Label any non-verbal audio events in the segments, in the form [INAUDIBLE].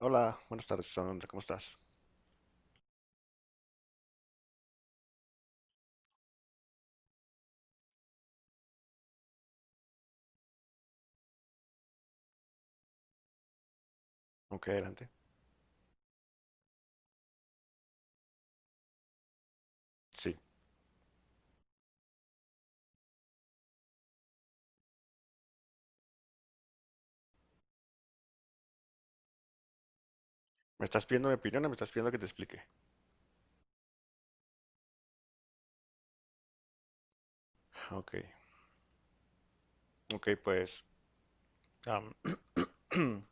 Hola, buenas tardes, Alondra, ¿cómo estás? Ok, adelante. Sí, ¿me estás pidiendo mi opinión o me estás pidiendo que te explique? Ok, ok, pues am, [CLEARS THROAT]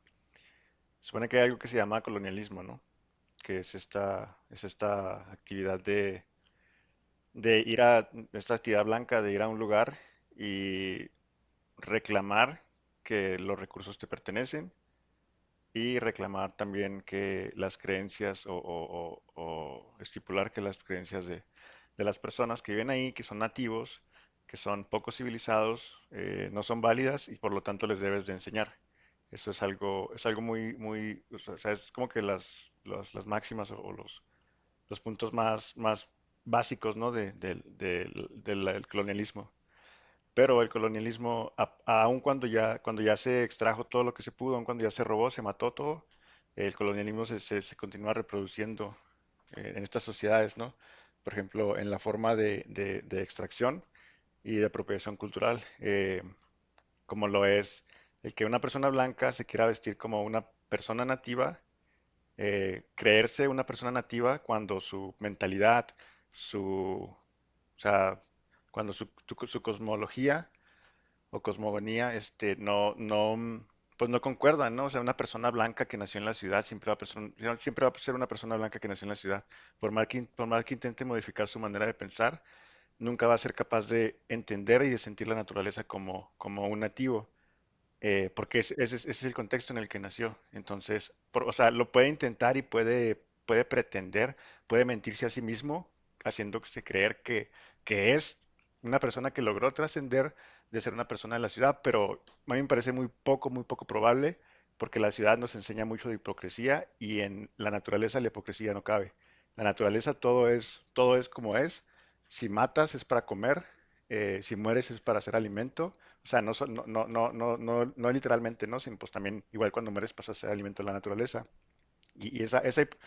supone que hay algo que se llama colonialismo, ¿no? Que es esta actividad de ir a, esta actividad blanca de ir a un lugar y reclamar que los recursos te pertenecen y reclamar también que las creencias o estipular que las creencias de las personas que viven ahí, que son nativos, que son poco civilizados, no son válidas y por lo tanto les debes de enseñar. Eso es algo muy, muy, o sea, es como que las máximas o los puntos más, más básicos, ¿no? Del colonialismo. Pero el colonialismo, aun cuando ya se extrajo todo lo que se pudo, aun cuando ya se robó, se mató todo, el colonialismo se continúa reproduciendo en estas sociedades, ¿no? Por ejemplo, en la forma de extracción y de apropiación cultural, como lo es el que una persona blanca se quiera vestir como una persona nativa, creerse una persona nativa cuando su mentalidad, su, o sea, cuando su cosmología o cosmogonía, este, no, no, pues no concuerdan, ¿no? O sea, una persona blanca que nació en la ciudad siempre va a, siempre va a ser una persona blanca que nació en la ciudad. Por más que, por más que intente modificar su manera de pensar, nunca va a ser capaz de entender y de sentir la naturaleza como, como un nativo porque ese es el contexto en el que nació. Entonces, o sea, lo puede intentar y puede, puede pretender, puede mentirse a sí mismo, haciéndose creer que es una persona que logró trascender de ser una persona de la ciudad, pero a mí me parece muy poco probable, porque la ciudad nos enseña mucho de hipocresía y en la naturaleza la hipocresía no cabe. La naturaleza todo es como es. Si matas es para comer, si mueres es para hacer alimento o sea, no, no, no, no, no, no, no literalmente, ¿no? Sino pues también, igual cuando mueres pasas a ser alimento de la naturaleza. Y esa, esa,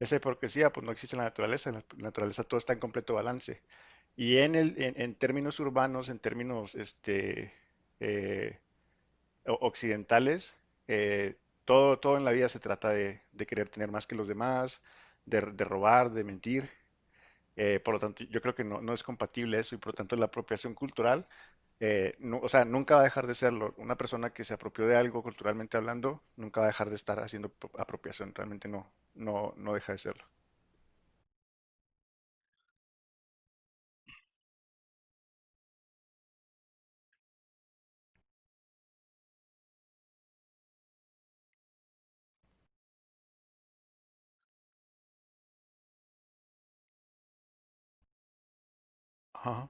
esa hipocresía pues no existe en la naturaleza. En la naturaleza todo está en completo balance. Y en en términos urbanos, en términos este, eh, occidentales, eh, todo, todo en la vida se trata de querer tener más que los demás, de robar, de mentir. Por lo tanto, yo creo que no, no es compatible eso y por lo tanto la apropiación cultural, o sea, nunca va a dejar de serlo. Una persona que se apropió de algo culturalmente hablando, nunca va a dejar de estar haciendo apropiación. Realmente no, no, no deja de serlo. Ajá.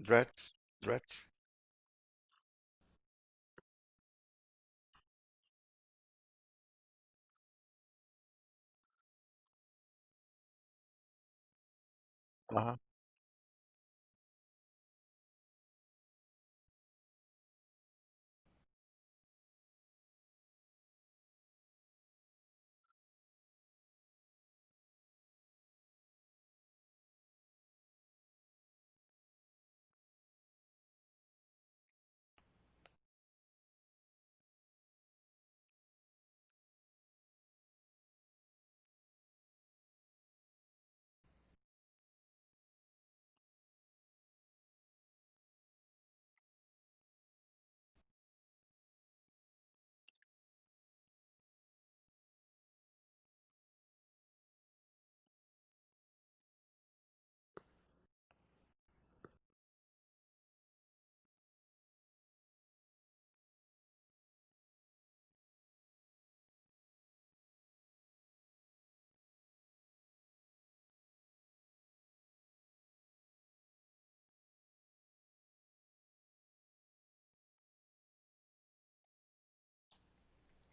Dreads, dreads. Ajá.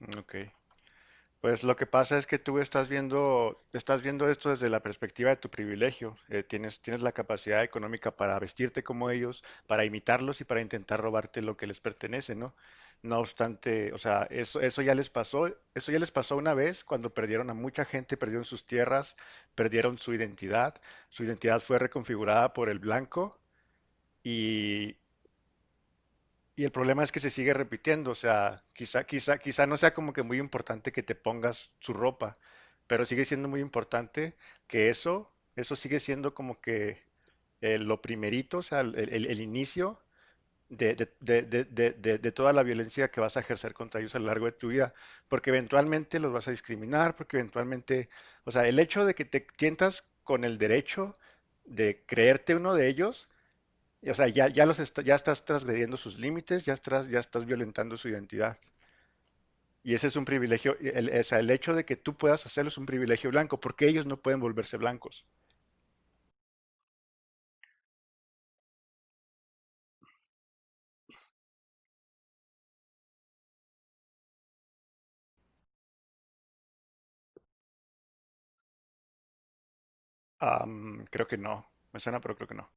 Mm, ok. Pues lo que pasa es que tú estás viendo esto desde la perspectiva de tu privilegio. Tienes, tienes la capacidad económica para vestirte como ellos, para imitarlos y para intentar robarte lo que les pertenece, ¿no? No obstante, o sea, eso ya les pasó, eso ya les pasó una vez cuando perdieron a mucha gente, perdieron sus tierras, perdieron su identidad. Su identidad fue reconfigurada por el blanco y, y el problema es que se sigue repitiendo, o sea, quizá, quizá, quizá no sea como que muy importante que te pongas su ropa, pero sigue siendo muy importante que eso sigue siendo como que lo primerito, o sea, el inicio de toda la violencia que vas a ejercer contra ellos a lo largo de tu vida, porque eventualmente los vas a discriminar, porque eventualmente, o sea, el hecho de que te tientas con el derecho de creerte uno de ellos, o sea, ya, ya estás transgrediendo sus límites, ya estás violentando su identidad. Y ese es un privilegio, o sea, el hecho de que tú puedas hacerlo es un privilegio blanco, porque ellos no pueden volverse blancos. Creo que no, me suena, pero creo que no.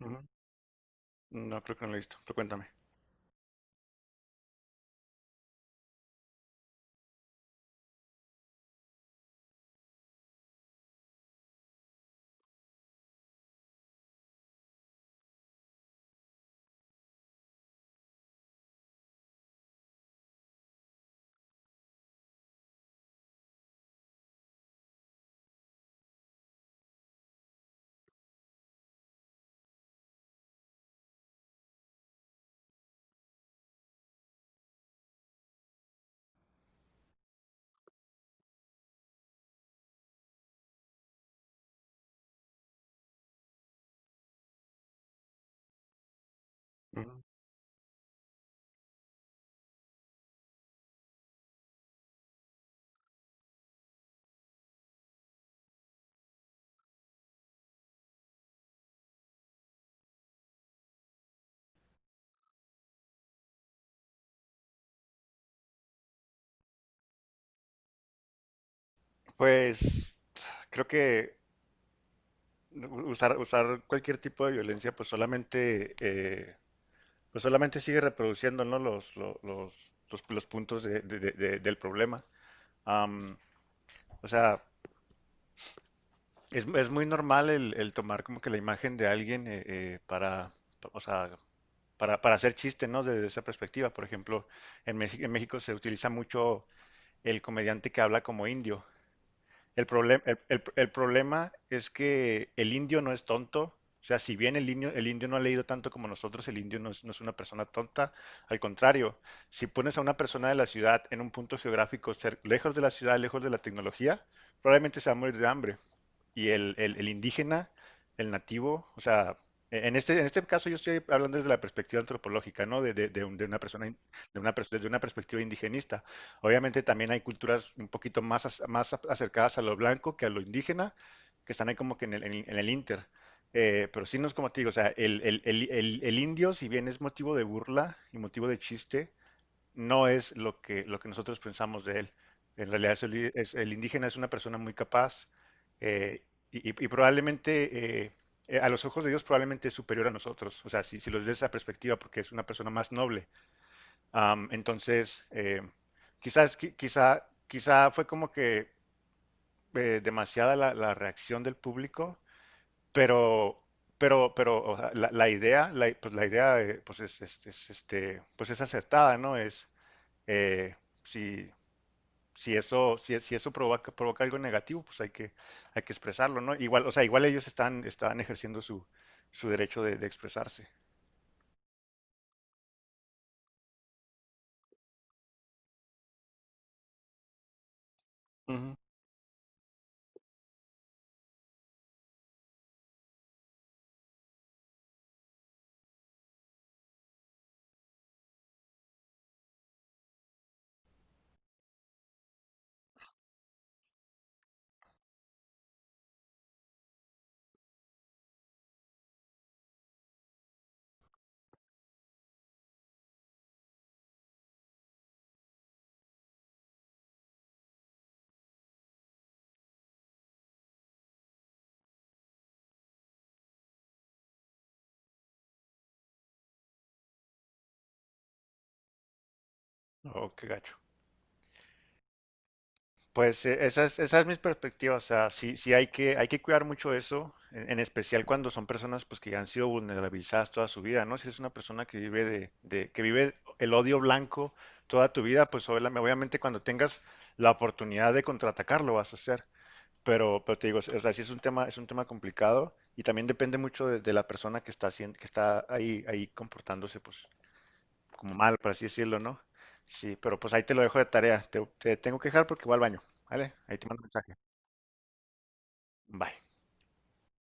Ujú. No, creo que no lo he visto, pero cuéntame. Ujú. Pues creo que usar, usar cualquier tipo de violencia, pues solamente sigue reproduciendo, ¿no? Los, los puntos del problema. Am, o sea, es muy normal el tomar como que la imagen de alguien para, o sea, para hacer chiste, ¿no? Desde esa perspectiva. Por ejemplo, en México se utiliza mucho el comediante que habla como indio. El problema es que el indio no es tonto. O sea, si bien el indio no ha leído tanto como nosotros, el indio no es, no es una persona tonta. Al contrario, si pones a una persona de la ciudad en un punto geográfico lejos de la ciudad, lejos de la tecnología, probablemente se va a morir de hambre y el indígena, el nativo, o sea, en este caso yo estoy hablando desde la perspectiva antropológica, ¿no? De una persona, de desde una perspectiva indigenista. Obviamente también hay culturas un poquito más, más acercadas a lo blanco que a lo indígena, que están ahí como que en en el inter. Pero sí, no es como te digo, o sea, el indio, si bien es motivo de burla y motivo de chiste, no es lo que nosotros pensamos de él. En realidad es el indígena es una persona muy capaz eh, y, y probablemente, a los ojos de Dios, probablemente es superior a nosotros. O sea, si, si los ves de esa perspectiva, porque es una persona más noble. Entonces, quizás, quizá, quizá fue como que demasiada la, la reacción del público, pero... pero o sea, la idea, la, pues la idea, pues es, es, este, pues es acertada, ¿no? Es, eh, si, si eso, si, si eso provoca, provoca algo negativo, pues hay que expresarlo, ¿no? Igual, o sea, igual ellos están, están ejerciendo su, su derecho de expresarse. Ujú. Oh, qué gacho. Pues esa es mi perspectiva, o sea, sí, sí hay que cuidar mucho eso, en especial cuando son personas pues que han sido vulnerabilizadas toda su vida, ¿no? Si es una persona que vive que vive el odio blanco toda tu vida, pues obviamente cuando tengas la oportunidad de contraatacar lo vas a hacer. Pero te digo, o sea, sí es un tema complicado y también depende mucho de la persona que está haciendo, que está ahí, ahí comportándose, pues, como mal, por así decirlo, ¿no? Sí, pero pues ahí te lo dejo de tarea. Te tengo que dejar porque voy al baño, ¿vale? Ahí te mando un mensaje. Bye.